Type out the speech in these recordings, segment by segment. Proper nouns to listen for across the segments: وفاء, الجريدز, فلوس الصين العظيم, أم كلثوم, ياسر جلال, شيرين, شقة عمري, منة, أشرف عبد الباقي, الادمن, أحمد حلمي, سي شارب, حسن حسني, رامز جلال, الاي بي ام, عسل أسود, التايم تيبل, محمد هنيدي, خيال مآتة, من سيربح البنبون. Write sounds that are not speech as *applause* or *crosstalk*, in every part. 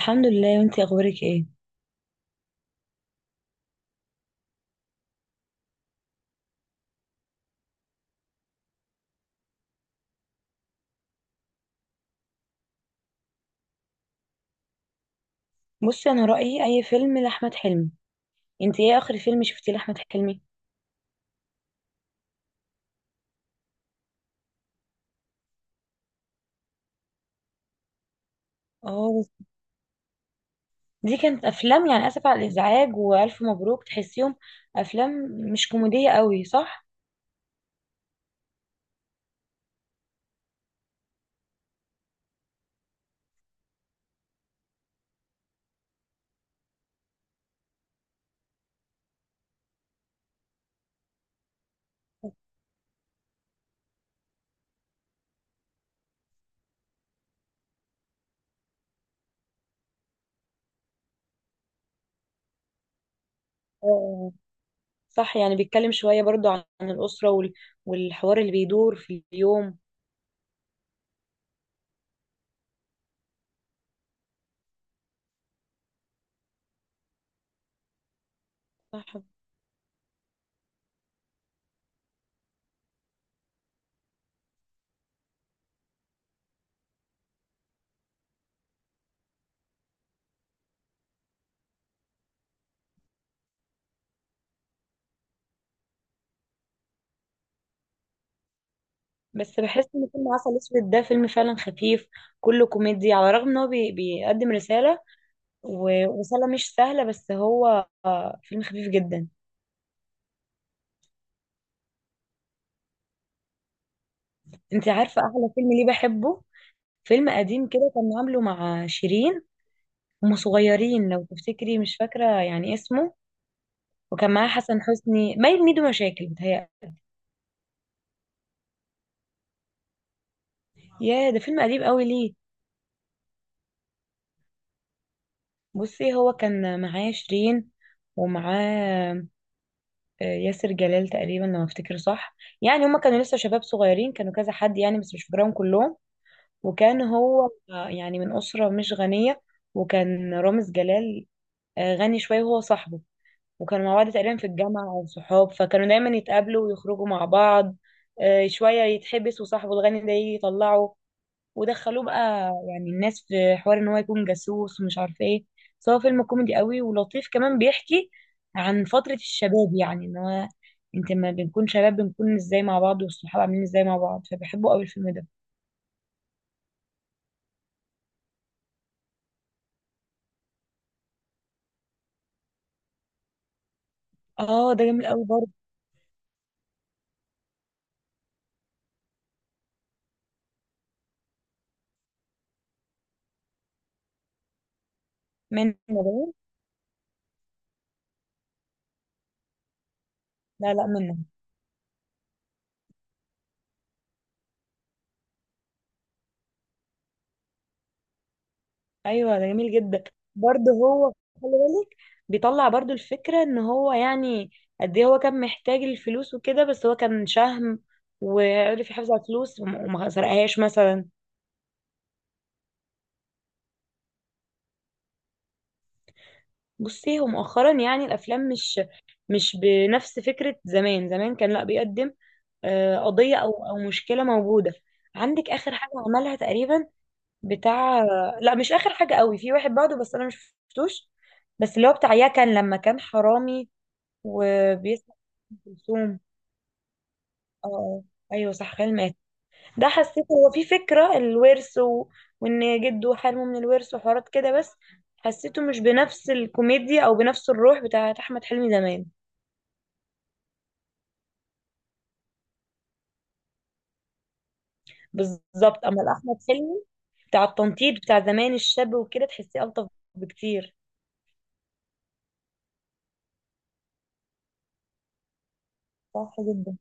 الحمد لله، وانتي اخبارك ايه؟ بصي، انا رايي اي فيلم لاحمد حلمي. انتي ايه اخر فيلم شفتيه لاحمد حلمي؟ اه، دي كانت افلام يعني اسف على الازعاج والف مبروك، تحسيهم افلام مش كوميديه قوي، صح؟ اه، صح، يعني بيتكلم شويه برضو عن الاسره والحوار اللي بيدور في اليوم. صح، بس بحس ان فيلم عسل اسود ده فيلم فعلا خفيف، كله كوميدي، على الرغم ان هو بيقدم رساله، ورساله مش سهله، بس هو فيلم خفيف جدا. انت عارفة احلى فيلم ليه بحبه؟ فيلم قديم كده، كان عامله مع شيرين، هما صغيرين لو تفتكري، مش فاكرة يعني اسمه. وكان معاه حسن حسني، باين ميدو، مشاكل بتهيألي. يا، ده فيلم قديم قوي ليه. بصي، هو كان معاه شيرين، ومعاه ياسر جلال تقريبا لو افتكر صح. يعني هما كانوا لسه شباب صغيرين، كانوا كذا حد يعني، بس مش فاكراهم كلهم. وكان هو يعني من أسرة مش غنية، وكان رامز جلال غني شوية، وهو صاحبه. وكانوا مع بعض تقريبا في الجامعة أو صحاب، فكانوا دايما يتقابلوا ويخرجوا مع بعض. شوية يتحبس وصاحبه الغني ده يجي يطلعه، ودخلوه بقى، يعني الناس في حوار إن هو يكون جاسوس ومش عارف إيه. بس هو فيلم كوميدي قوي ولطيف، كمان بيحكي عن فترة الشباب، يعني إن هو، أنت لما بنكون شباب بنكون إزاي مع بعض، والصحاب عاملين إزاي مع بعض، فبحبه قوي الفيلم ده. آه، ده جميل قوي برضه. منة باين؟ لا لا، منة. ايوه، ده جميل جدا. برضه هو، خلي بالك، بيطلع برضه الفكره ان هو يعني قد ايه هو كان محتاج الفلوس وكده، بس هو كان شهم وعرف يحافظ على الفلوس، وما سرقهاش مثلا. بصي، هو مؤخرا يعني الافلام مش مش بنفس فكره زمان. زمان كان لا بيقدم قضيه او مشكله موجوده. عندك اخر حاجه عملها تقريبا، بتاع، لا مش اخر حاجه قوي، في واحد بعده بس انا مش شفتوش، بس اللي هو بتاع يكن لما كان حرامي وبيسمع أم كلثوم. اه، ايوه، صح، خال مات. ده حسيت هو في فكرة الورث وان جده حرمه من الورث وحوارات كده، بس حسيته مش بنفس الكوميديا او بنفس الروح بتاعت احمد حلمي زمان. بالظبط، اما احمد حلمي بتاع التنطيط بتاع زمان الشاب وكده، تحسيه الطف بكتير. صح جدا.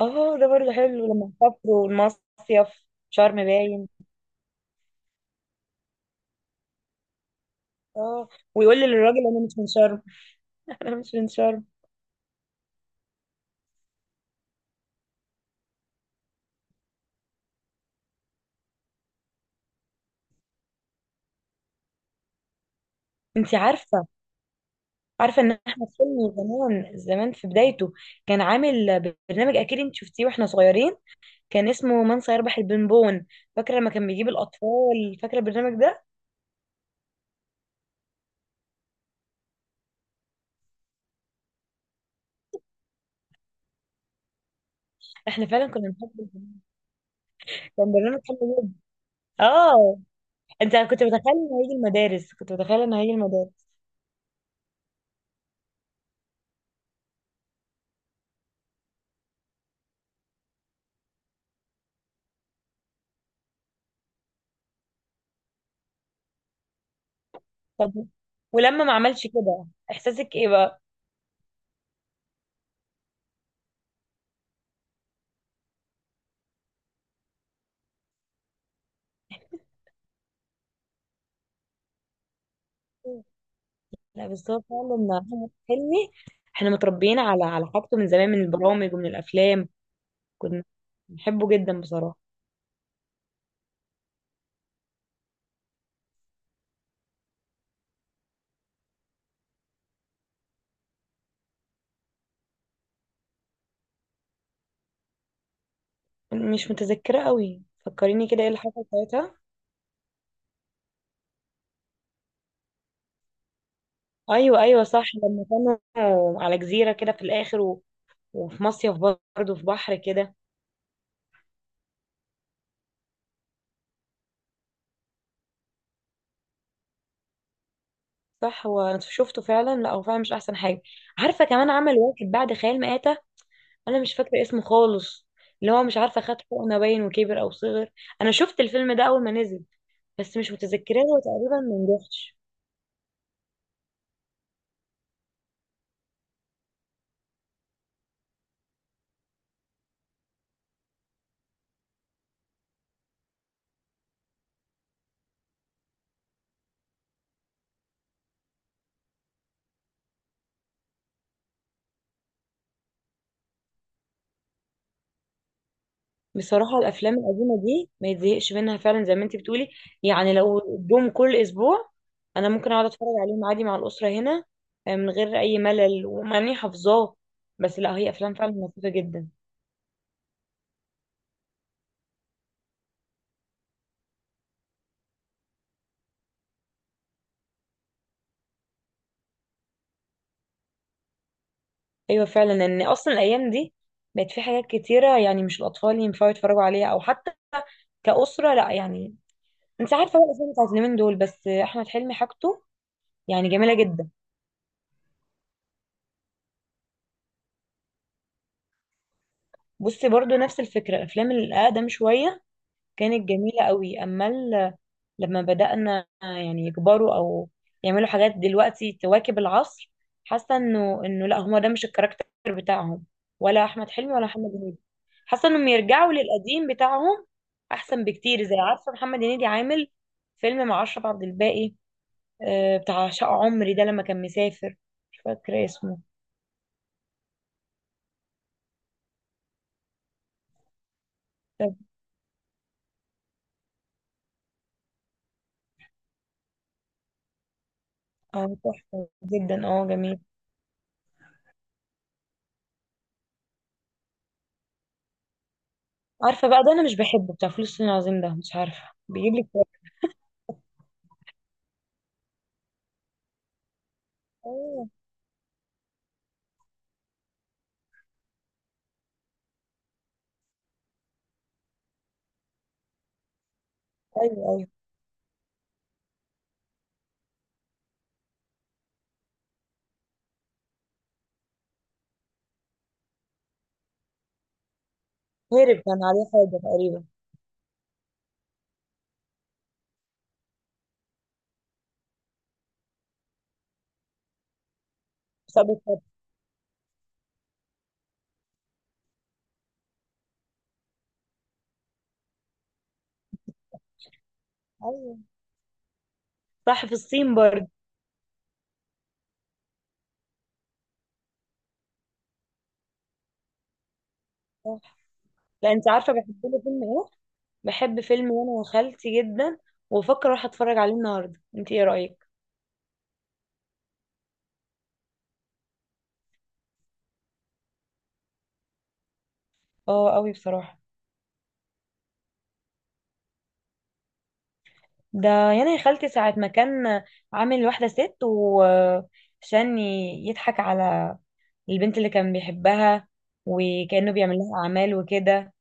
اه، ده برضه حلو لما سافروا المصيف، شرم باين. اه، ويقول للراجل انا مش من شرم. *laughs* انا مش من شرم. انت عارفه، عارفه ان احمد حلمي زمان زمان في بدايته كان عامل برنامج، اكيد انت شفتيه واحنا صغيرين، كان اسمه من سيربح البنبون. فاكره لما كان بيجيب الاطفال، فاكره البرنامج ده؟ احنا فعلا كنا بنحب البرنامج. كان برنامج حلو جدا. اه، انت كنت متخيل انه هيجي المدارس كنت متخيل انه هيجي المدارس؟ طب، ولما ما عملش كده احساسك ايه بقى؟ لا، بس هو فعلا احمد حلمي، احنا متربيين على حاجته من زمان، من البرامج ومن الافلام. كنا بنحبه جدا بصراحه. مش متذكرة قوي، فكريني كده، ايه اللي حصل ساعتها؟ ايوه ايوه، صح، لما كانوا على جزيرة كده في الاخر وفي مصيف، برضه في بحر كده. صح، هو انا شفته فعلا، لا هو فعلا مش احسن حاجة. عارفة كمان عمل واحد بعد خيال مآتة، انا مش فاكرة اسمه خالص، اللي هو مش عارفة خد حقنة باين وكبر او صغر. انا شفت الفيلم ده اول ما نزل، بس مش متذكراه، هو تقريبا ما نجحش. بصراحة الأفلام القديمة دي ما يتزهقش منها فعلا زي ما انتي بتقولي، يعني لو جم كل أسبوع أنا ممكن أقعد أتفرج عليهم عادي مع الأسرة هنا، من غير أي ملل، ومع إني حافظاه. بس لا، هي أفلام فعلا لطيفة جدا. أيوة فعلا، إن أصلا الأيام دي بقت في حاجات كتيرة، يعني مش الأطفال ينفعوا يتفرجوا عليها أو حتى كأسرة، لا يعني. أنت عارفة بقى الأفلام بتاعت اليومين دول، بس أحمد حلمي حاجته يعني جميلة جدا. بصي، برضو نفس الفكرة، الأفلام الأقدم شوية كانت جميلة قوي، أما لما بدأنا يعني يكبروا، أو يعملوا حاجات دلوقتي تواكب العصر، حاسة إنه لا، هما ده مش الكاركتر بتاعهم، ولا أحمد حلمي ولا محمد هنيدي. حاسة إنهم يرجعوا للقديم بتاعهم أحسن بكتير. زي عارفة محمد هنيدي عامل فيلم مع أشرف عبد الباقي، بتاع شقة عمري ده لما كان مسافر، مش فاكرة اسمه. طب. اه، تحفة جدا، اه، جميل. عارفة بقى ده أنا مش بحبه، بتاع فلوس الصين العظيم ده، مش عارفة بيجيب لي اكتئاب. ايوه ايوه، هرب كان عليه حاجه تقريبا، بسبب حرب. ايوه صح، في الصين برضه. صح. لا، انت عارفه بحب له فيلم ايه؟ بحب فيلم وانا وخالتي جدا، وبفكر اروح اتفرج عليه النهارده، انت ايه رايك؟ اه قوي بصراحه. ده يعني يا خالتي ساعه ما كان عامل واحده ست، وعشان يضحك على البنت اللي كان بيحبها، وكانه بيعمل لها اعمال وكده.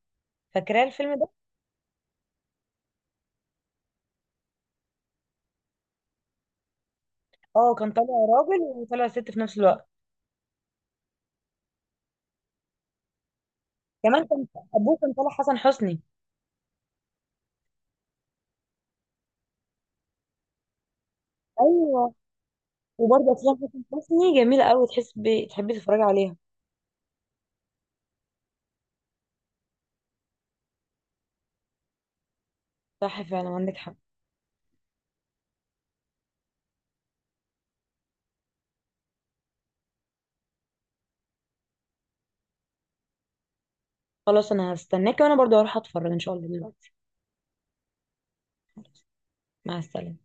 فاكره الفيلم ده؟ اه، كان طالع راجل وطالع ست في نفس الوقت. كمان كان ابوه كان طالع حسن حسني. ايوه، وبرضه افلام حسن حسني جميله قوي، تحس تحبي تتفرجي عليها. صح، فعلا عندك حق. خلاص، انا هستناكي، وانا برضه هروح اتفرج ان شاء الله دلوقتي. مع السلامه.